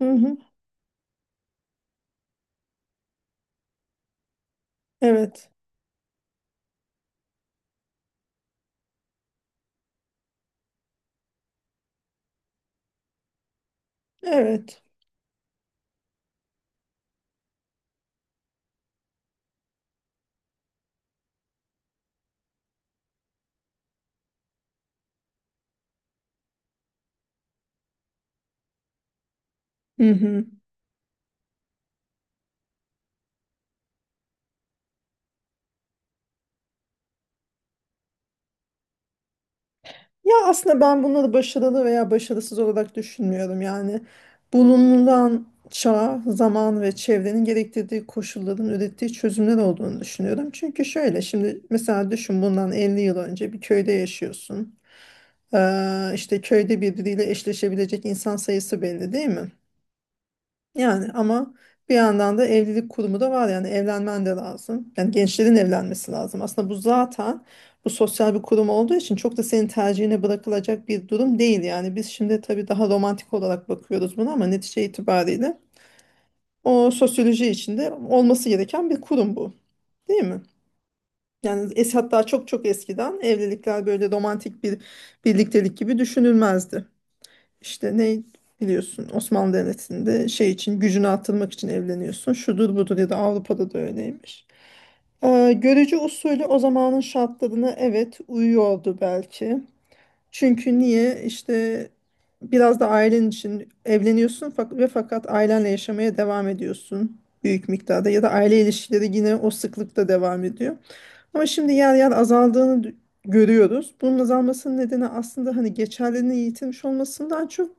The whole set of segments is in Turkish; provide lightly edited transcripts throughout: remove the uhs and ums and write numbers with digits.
Hı hı. Evet. Evet. Hı hı. Ya aslında ben bunları başarılı veya başarısız olarak düşünmüyorum. Yani bulunulan çağ, zaman ve çevrenin gerektirdiği koşulların ürettiği çözümler olduğunu düşünüyorum. Çünkü şöyle şimdi mesela düşün bundan 50 yıl önce bir köyde yaşıyorsun. İşte köyde birbiriyle eşleşebilecek insan sayısı belli değil mi? Yani ama bir yandan da evlilik kurumu da var yani evlenmen de lazım. Yani gençlerin evlenmesi lazım. Aslında bu zaten bu sosyal bir kurum olduğu için çok da senin tercihine bırakılacak bir durum değil. Yani biz şimdi tabii daha romantik olarak bakıyoruz buna ama netice itibariyle o sosyoloji içinde olması gereken bir kurum bu. Değil mi? Yani es hatta çok çok eskiden evlilikler böyle romantik bir birliktelik gibi düşünülmezdi. İşte ne biliyorsun Osmanlı Devleti'nde şey için gücünü artırmak için evleniyorsun. Şudur budur ya da Avrupa'da da öyleymiş. Görücü usulü o zamanın şartlarına evet uyuyordu belki. Çünkü niye işte biraz da ailen için evleniyorsun ve fakat ailenle yaşamaya devam ediyorsun büyük miktarda ya da aile ilişkileri yine o sıklıkta devam ediyor. Ama şimdi yer yer azaldığını görüyoruz. Bunun azalmasının nedeni aslında hani geçerliliğini yitirmiş olmasından çok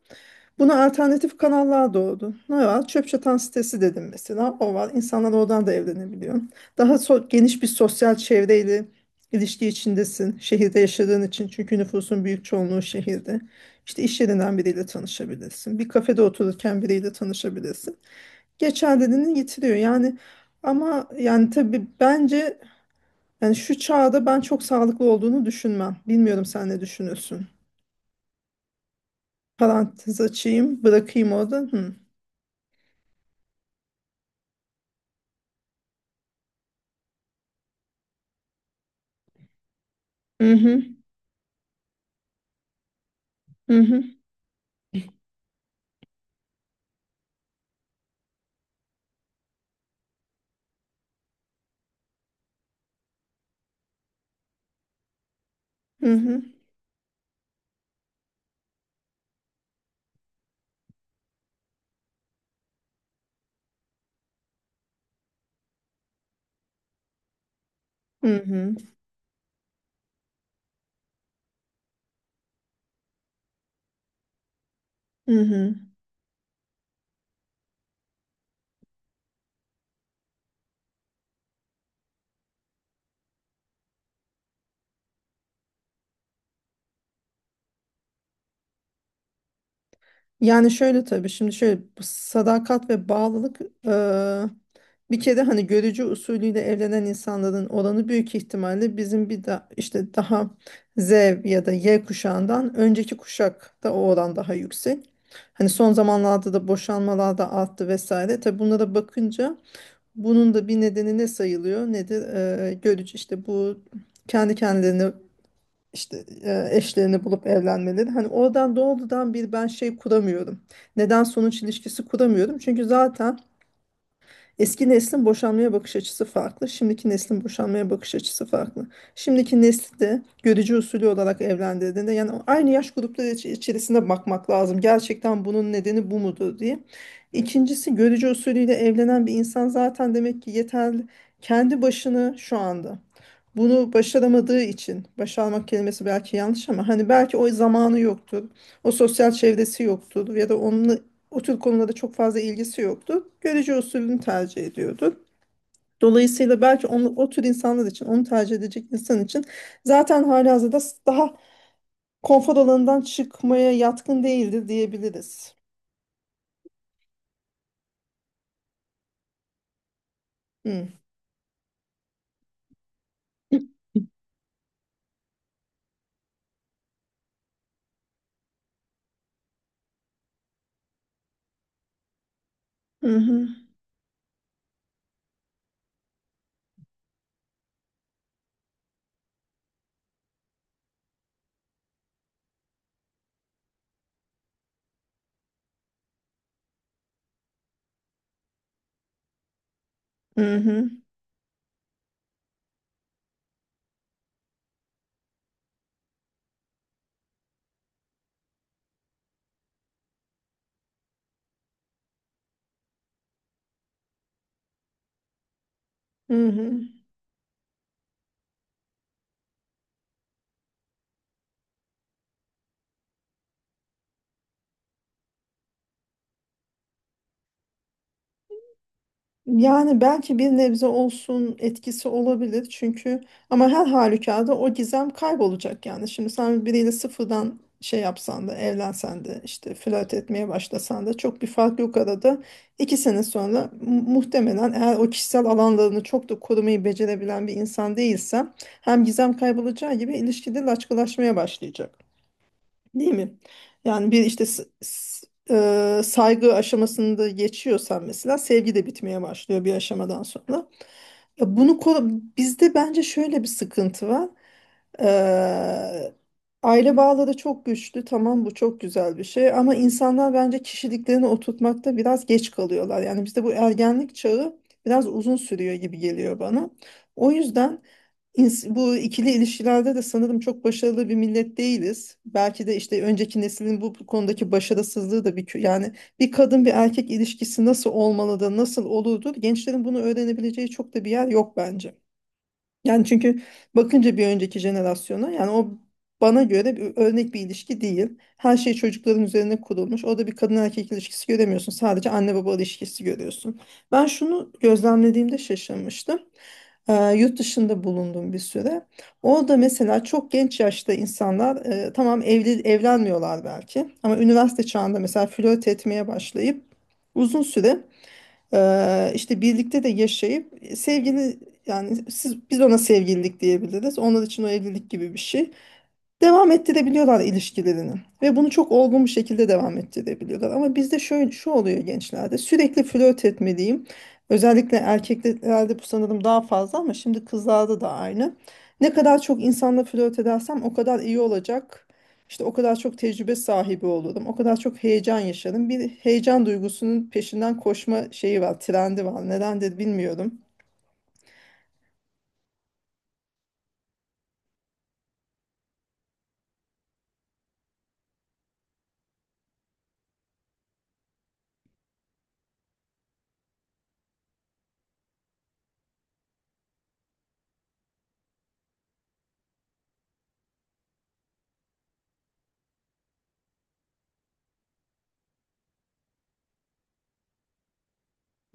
buna alternatif kanallar doğdu. Ne var? Çöp çatan sitesi dedim mesela. O var. İnsanlar oradan da evlenebiliyor. Geniş bir sosyal çevreyle ilişki içindesin. Şehirde yaşadığın için. Çünkü nüfusun büyük çoğunluğu şehirde. İşte iş yerinden biriyle tanışabilirsin. Bir kafede otururken biriyle tanışabilirsin. Geçerliliğini yitiriyor. Yani ama yani tabii bence yani şu çağda ben çok sağlıklı olduğunu düşünmem. Bilmiyorum sen ne düşünüyorsun. Parantez açayım, bırakayım orada. Hı. Hı hı, hı hı, hı hı, hı hı, hı hı. Yani şöyle tabii şimdi şöyle bu sadakat ve bağlılık eee, bir kere hani görücü usulüyle evlenen insanların oranı büyük ihtimalle bizim bir de işte daha Z ya da Y kuşağından önceki kuşakta o oran daha yüksek. Hani son zamanlarda da boşanmalar da arttı vesaire. Tabii bunlara bakınca bunun da bir nedeni ne sayılıyor? Nedir? Görücü işte bu kendi kendilerine işte eşlerini bulup evlenmeleri. Hani oradan doğrudan bir ben şey kuramıyorum. Neden sonuç ilişkisi kuramıyorum. Çünkü zaten eski neslin boşanmaya bakış açısı farklı, şimdiki neslin boşanmaya bakış açısı farklı. Şimdiki nesli de görücü usulü olarak evlendirdiğinde yani aynı yaş grupları içerisinde bakmak lazım. Gerçekten bunun nedeni bu mudur diye. İkincisi görücü usulüyle evlenen bir insan zaten demek ki yeterli kendi başını şu anda bunu başaramadığı için başarmak kelimesi belki yanlış ama hani belki o zamanı yoktur. O sosyal çevresi yoktur ya da onunla o tür konulara çok fazla ilgisi yoktu. Görece usulünü tercih ediyordu. Dolayısıyla belki onu, o tür insanlar için, onu tercih edecek insan için zaten halihazırda daha konfor alanından çıkmaya yatkın değildir diyebiliriz. Hı. Hı hı. Hı hı. Hı hı. Yani belki bir nebze olsun etkisi olabilir çünkü ama her halükarda o gizem kaybolacak yani. Şimdi sen biriyle sıfırdan şey yapsan da evlensen de işte flört etmeye başlasan da çok bir fark yok arada. İki sene sonra muhtemelen eğer o kişisel alanlarını çok da korumayı becerebilen bir insan değilsen hem gizem kaybolacağı gibi ilişkide laçkılaşmaya başlayacak. Değil mi? Yani bir işte saygı aşamasında geçiyorsan mesela sevgi de bitmeye başlıyor bir aşamadan sonra. Ya bunu bizde bence şöyle bir sıkıntı var. Eee, Aile bağları çok güçlü. Tamam bu çok güzel bir şey ama insanlar bence kişiliklerini oturtmakta biraz geç kalıyorlar. Yani bizde bu ergenlik çağı biraz uzun sürüyor gibi geliyor bana. O yüzden bu ikili ilişkilerde de sanırım çok başarılı bir millet değiliz. Belki de işte önceki neslin bu konudaki başarısızlığı da bir yani bir kadın bir erkek ilişkisi nasıl olmalı da nasıl olurdu gençlerin bunu öğrenebileceği çok da bir yer yok bence. Yani çünkü bakınca bir önceki jenerasyona yani o bana göre bir örnek bir ilişki değil. Her şey çocukların üzerine kurulmuş. Orada bir kadın erkek ilişkisi göremiyorsun. Sadece anne baba ilişkisi görüyorsun. Ben şunu gözlemlediğimde şaşırmıştım. Yurt dışında bulundum bir süre. Orada mesela çok genç yaşta insanlar tamam evli evlenmiyorlar belki ama üniversite çağında mesela flört etmeye başlayıp uzun süre işte birlikte de yaşayıp sevgili yani siz, biz ona sevgililik diyebiliriz. Onlar için o evlilik gibi bir şey devam ettirebiliyorlar ilişkilerini ve bunu çok olgun bir şekilde devam ettirebiliyorlar. Ama bizde şöyle şu oluyor gençlerde sürekli flört etmeliyim. Özellikle erkeklerde bu sanırım daha fazla ama şimdi kızlarda da aynı. Ne kadar çok insanla flört edersem o kadar iyi olacak. İşte o kadar çok tecrübe sahibi olurum. O kadar çok heyecan yaşarım. Bir heyecan duygusunun peşinden koşma şeyi var, trendi var. Nedendir bilmiyorum.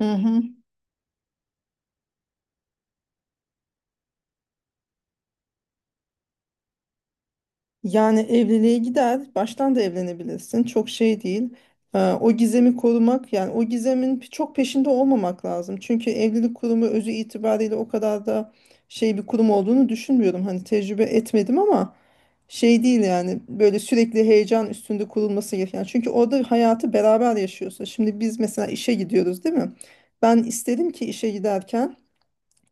Hı hı. Yani evliliğe gider, baştan da evlenebilirsin. Çok şey değil. O gizemi korumak, yani o gizemin çok peşinde olmamak lazım. Çünkü evlilik kurumu özü itibariyle o kadar da şey bir kurum olduğunu düşünmüyorum. Hani tecrübe etmedim ama şey değil yani böyle sürekli heyecan üstünde kurulması gereken. Çünkü orada hayatı beraber yaşıyorsun. Şimdi biz mesela işe gidiyoruz, değil mi? Ben isterim ki işe giderken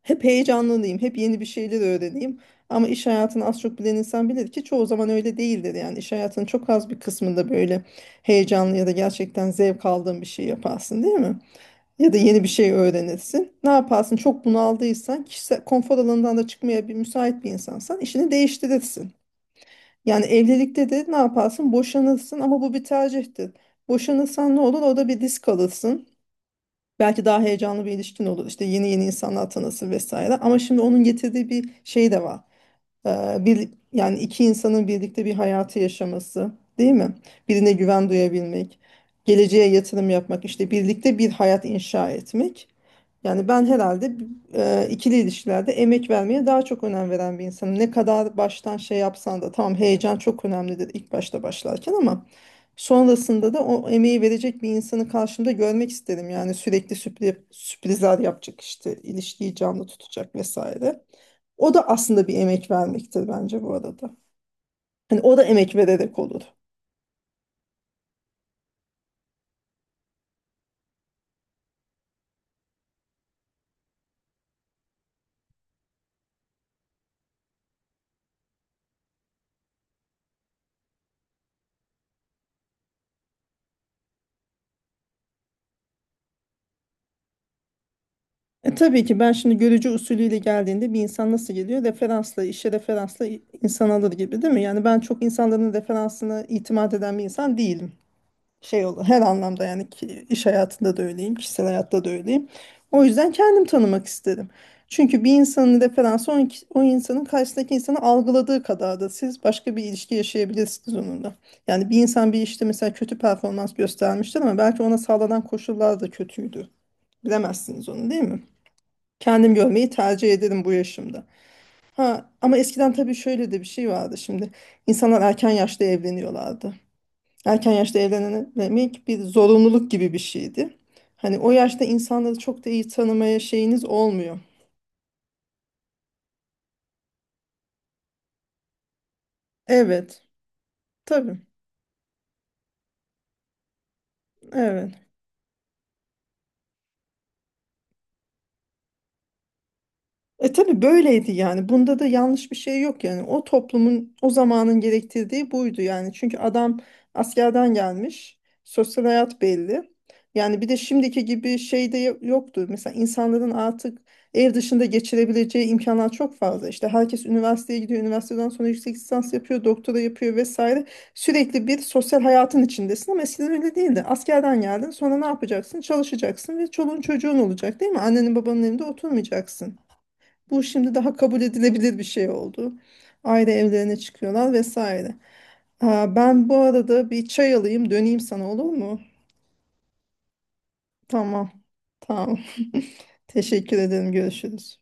hep heyecanlanayım, hep yeni bir şeyler öğreneyim. Ama iş hayatını az çok bilen insan bilir ki çoğu zaman öyle değildir. Yani iş hayatının çok az bir kısmında böyle heyecanlı ya da gerçekten zevk aldığın bir şey yaparsın, değil mi? Ya da yeni bir şey öğrenirsin. Ne yaparsın? Çok bunaldıysan, kişisel konfor alanından da çıkmaya bir müsait bir insansan işini değiştirirsin. Yani evlilikte de ne yaparsın? Boşanırsın ama bu bir tercihtir. Boşanırsan ne olur? Orada bir risk alırsın. Belki daha heyecanlı bir ilişkin olur. İşte yeni yeni insanlar tanısın vesaire. Ama şimdi onun getirdiği bir şey de var bir yani iki insanın birlikte bir hayatı yaşaması, değil mi? Birine güven duyabilmek, geleceğe yatırım yapmak, işte birlikte bir hayat inşa etmek. Yani ben herhalde ikili ilişkilerde emek vermeye daha çok önem veren bir insanım. Ne kadar baştan şey yapsan da tamam heyecan çok önemlidir ilk başta başlarken ama sonrasında da o emeği verecek bir insanı karşımda görmek isterim. Yani sürekli sürprizler yapacak işte ilişkiyi canlı tutacak vesaire. O da aslında bir emek vermektir bence bu arada. Hani o da emek vererek olur. E tabii ki ben şimdi görücü usulüyle geldiğinde bir insan nasıl geliyor? Referansla, işe referansla insan alır gibi değil mi? Yani ben çok insanların referansına itimat eden bir insan değilim. Şey olur her anlamda yani ki iş hayatında da öyleyim, kişisel hayatta da öyleyim. O yüzden kendim tanımak istedim. Çünkü bir insanın referansı o, o insanın karşısındaki insanı algıladığı kadar da siz başka bir ilişki yaşayabilirsiniz onunla. Yani bir insan bir işte mesela kötü performans göstermiştir ama belki ona sağlanan koşullar da kötüydü. Bilemezsiniz onu değil mi? Kendim görmeyi tercih ederim bu yaşımda. Ha, ama eskiden tabii şöyle de bir şey vardı şimdi. İnsanlar erken yaşta evleniyorlardı erken yaşta evlenebilmek bir zorunluluk gibi bir şeydi. Hani o yaşta insanları çok da iyi tanımaya şeyiniz olmuyor. Evet, tabii, evet. E tabii böyleydi yani. Bunda da yanlış bir şey yok yani. O toplumun o zamanın gerektirdiği buydu yani. Çünkü adam askerden gelmiş. Sosyal hayat belli. Yani bir de şimdiki gibi şey de yoktu. Mesela insanların artık ev dışında geçirebileceği imkanlar çok fazla. İşte herkes üniversiteye gidiyor. Üniversiteden sonra yüksek lisans yapıyor, doktora yapıyor vesaire. Sürekli bir sosyal hayatın içindesin ama eskiden öyle değildi. Askerden geldin, sonra ne yapacaksın? Çalışacaksın ve çoluğun çocuğun olacak, değil mi? Annenin babanın evinde oturmayacaksın. Bu şimdi daha kabul edilebilir bir şey oldu. Ayrı evlerine çıkıyorlar vesaire. Aa, ben bu arada bir çay alayım döneyim sana olur mu? Tamam. Tamam. Teşekkür ederim. Görüşürüz.